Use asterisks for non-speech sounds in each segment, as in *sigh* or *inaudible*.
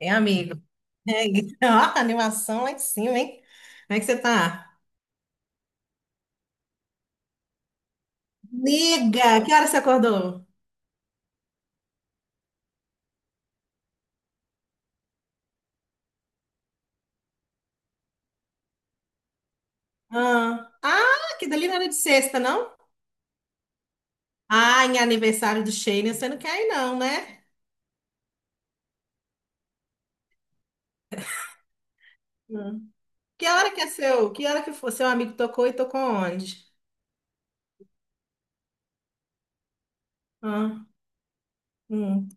É, amigo. É, *laughs* ó, animação lá em cima, hein? Como é que você tá? Liga! Que hora você acordou? Ah, que dali não era de sexta, não? Ah, em aniversário do Shane, você não quer ir, não, né? Hum. Que hora que é seu? Que hora que foi? Seu amigo tocou e tocou onde? Ah, hum,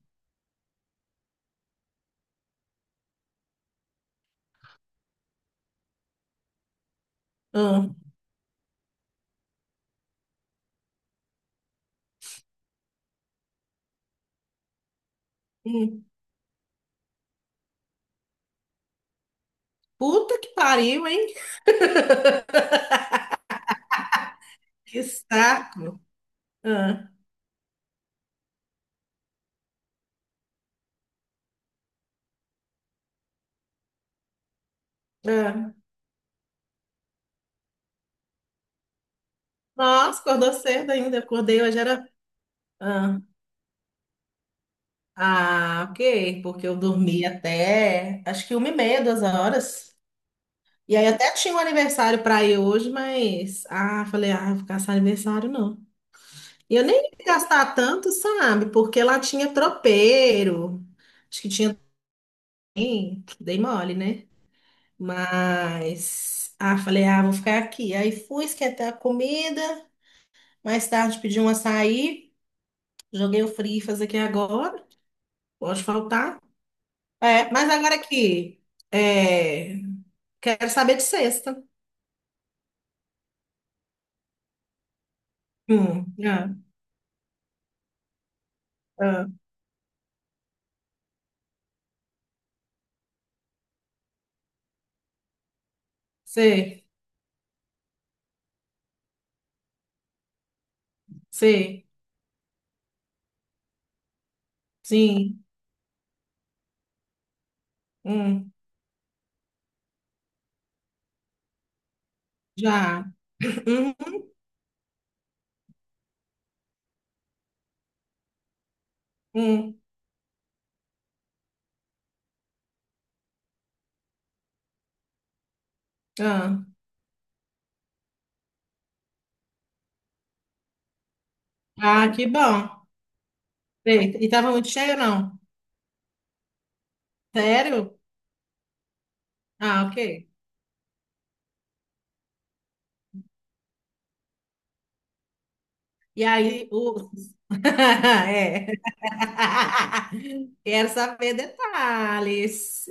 hum, hum. Puta que pariu, hein? *laughs* Que saco. Ah, ah. Nossa, acordou cedo ainda. Eu acordei hoje, era. Ah, ok, porque eu dormi até acho que uma e meia, duas horas. E aí até tinha um aniversário para ir hoje, mas ah, falei, ah, vou ficar sem aniversário não. E eu nem ia gastar tanto, sabe? Porque lá tinha tropeiro. Acho que tinha também, dei mole, né? Mas ah, falei, ah, vou ficar aqui. Aí fui esquentar a comida, mais tarde pedi um açaí, joguei o fritas aqui agora. Pode faltar. É, mas agora aqui. é, Quero saber de sexta. Ah, ah, sei, sei, sim, hum, já. *clears throat* Uhum, ah, ah, que bom. Sei. E tava muito cheio, não? Sério? Ah, ok. E aí. *laughs* É. *laughs* Quero saber detalhes.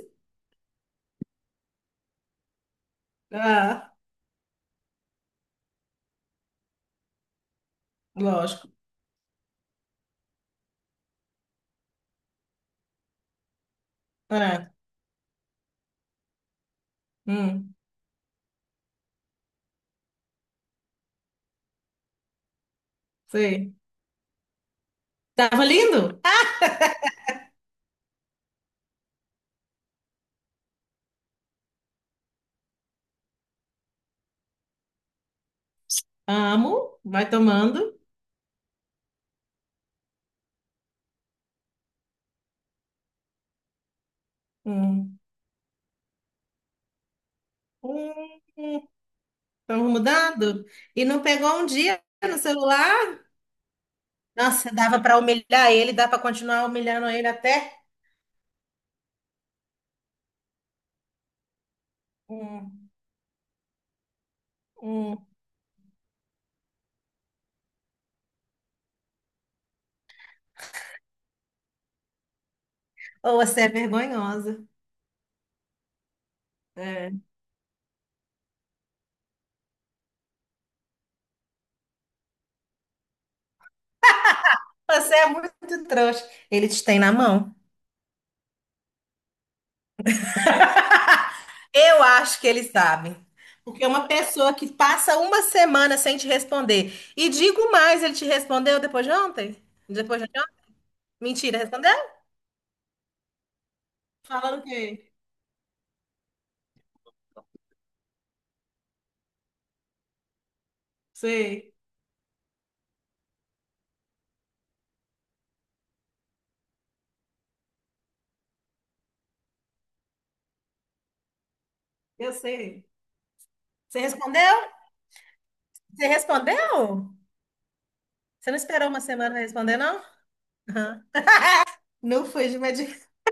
Ah, lógico. Ah, hum, sei. Tava lindo? Amo. Vai tomando. Hum. Hum. Estão mudando? E não pegou um dia no celular? Nossa, dava para humilhar ele, dá para continuar humilhando ele até. Hum, hum. Ou você é vergonhosa. É. Você é muito trouxa. Ele te tem na mão. Eu acho que ele sabe. Porque uma pessoa que passa uma semana sem te responder. E digo mais, ele te respondeu depois de ontem? Depois de ontem? Mentira, respondeu? Falando o quê? Sei, eu sei. Você respondeu? Você respondeu? Você não esperou uma semana pra responder, não? Aham. Não foi de medicação. *laughs*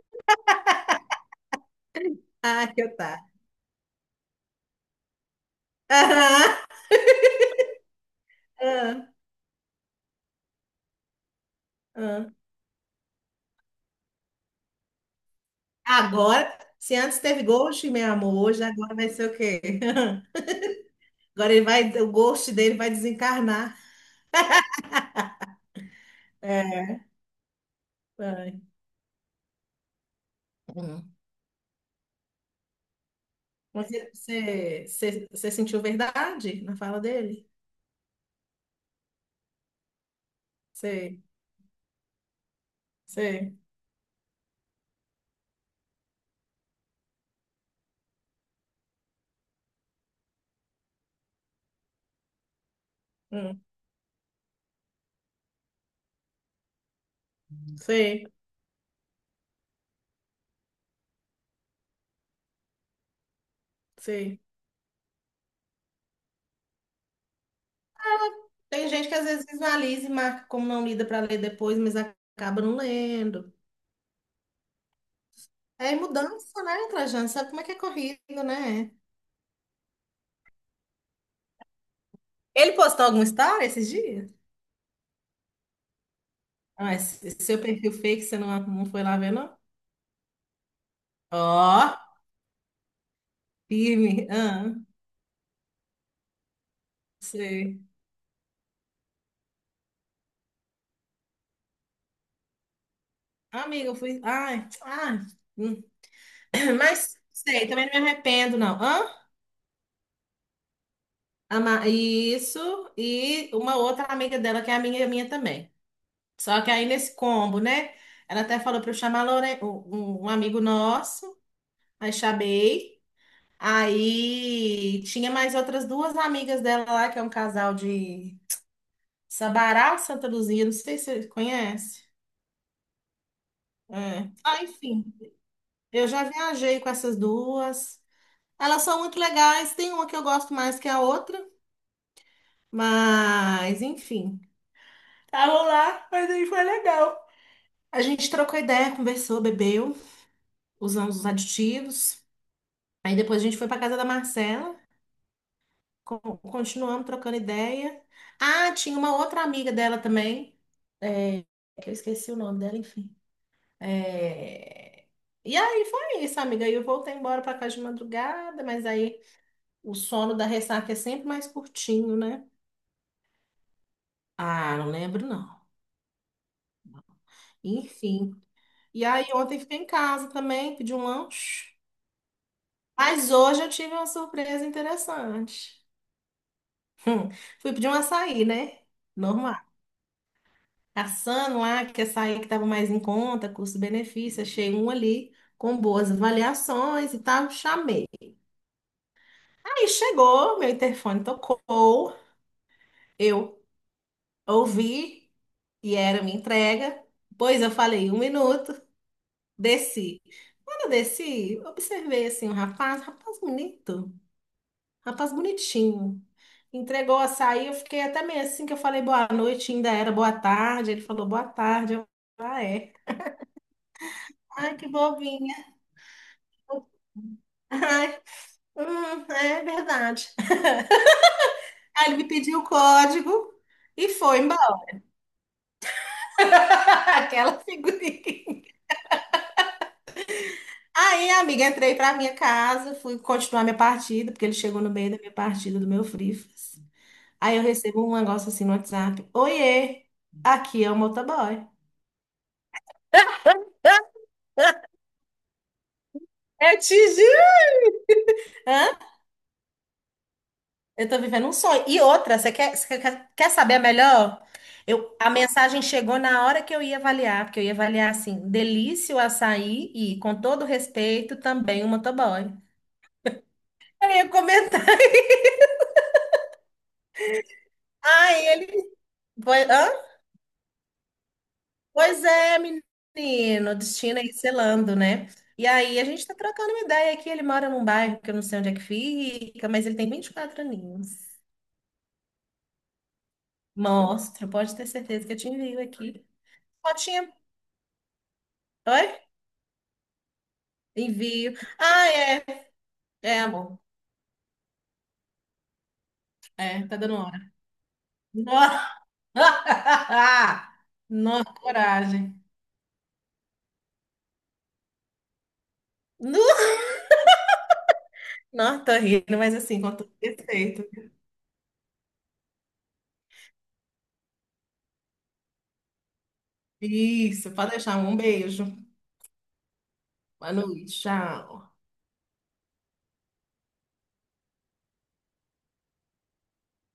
Ah, que otário. Aham, aham, aham. Agora, se antes teve ghost, meu amor, hoje agora vai ser o quê? *laughs* Agora ele vai, o ghost dele vai desencarnar. É, vai. Hum. Mas você sentiu verdade na fala dele? Sei, sei, hum, sei, sei. Tem gente que às vezes visualiza e marca como não lida para ler depois, mas acaba não lendo. É mudança, né, Trajano? Sabe como é que é corrido, né? Ele postou algum história esses dias? Ah, esse seu perfil fake, você não foi lá ver, não? Ó, firme. Ah, sei. Amiga, eu fui. Ai, ai. Hum. *clears throat* Mas, sei, também não me arrependo, não. Hã? Isso. E uma outra amiga dela, que é amiga minha também. Só que aí nesse combo, né? Ela até falou pra eu chamar a Lore- um um um amigo nosso. Aí chamei. Aí tinha mais outras duas amigas dela lá, que é um casal de Sabará, Santa Luzia, não sei se você conhece. É. Ah, enfim, eu já viajei com essas duas. Elas são muito legais, tem uma que eu gosto mais que a outra, mas enfim. Estavam lá, mas aí foi legal. A gente trocou ideia, conversou, bebeu, usamos os aditivos. Aí depois a gente foi pra casa da Marcela. Continuamos trocando ideia. Ah, tinha uma outra amiga dela também, é, que eu esqueci o nome dela, enfim. É, e aí foi isso, amiga. Aí eu voltei embora para casa de madrugada, mas aí o sono da ressaca é sempre mais curtinho, né? Ah, não lembro não. Enfim. E aí ontem fiquei em casa também, pedi um lanche. Mas hoje eu tive uma surpresa interessante. *laughs* Hum, fui pedir um açaí, né? Caçando lá, que essa aí que estava mais em conta, custo-benefício, achei um ali com boas avaliações e tal, chamei. Aí chegou, meu interfone tocou, eu ouvi e era minha entrega, pois eu falei um minuto, desci. Quando eu desci, observei assim um rapaz, rapaz bonito, rapaz bonitinho. Entregou o açaí, eu fiquei até meio assim que eu falei boa noite, ainda era boa tarde. Ele falou boa tarde. Eu, é. Ai, que bobinha. *laughs* É verdade. Aí ele me pediu o código e foi embora. *laughs* Aquela figurinha. Aí, amiga, entrei pra minha casa, fui continuar minha partida, porque ele chegou no meio da minha partida do meu Frifas. Aí eu recebo um negócio assim no WhatsApp. Oiê, aqui é o motoboy. Eu te juro. Hã? Eu tô vivendo um sonho. E outra, quer saber a melhor? A mensagem chegou na hora que eu ia avaliar, porque eu ia avaliar assim, delícia o açaí e, com todo respeito, também o motoboy. Eu ia comentar. *laughs* Ai, ele. Pois, hã? Pois é, menino, destino aí selando, né? E aí a gente tá trocando uma ideia aqui. Ele mora num bairro que eu não sei onde é que fica, mas ele tem 24 aninhos. Mostro, pode ter certeza que eu te envio aqui. Fotinha. Oi? Envio. Ah, é, amor. É, tá dando hora. Nossa, *laughs* nossa, coragem. Nu- Não, tô rindo, mas assim, com todo respeito. Isso, pode deixar. Um beijo. Boa noite. Tchau.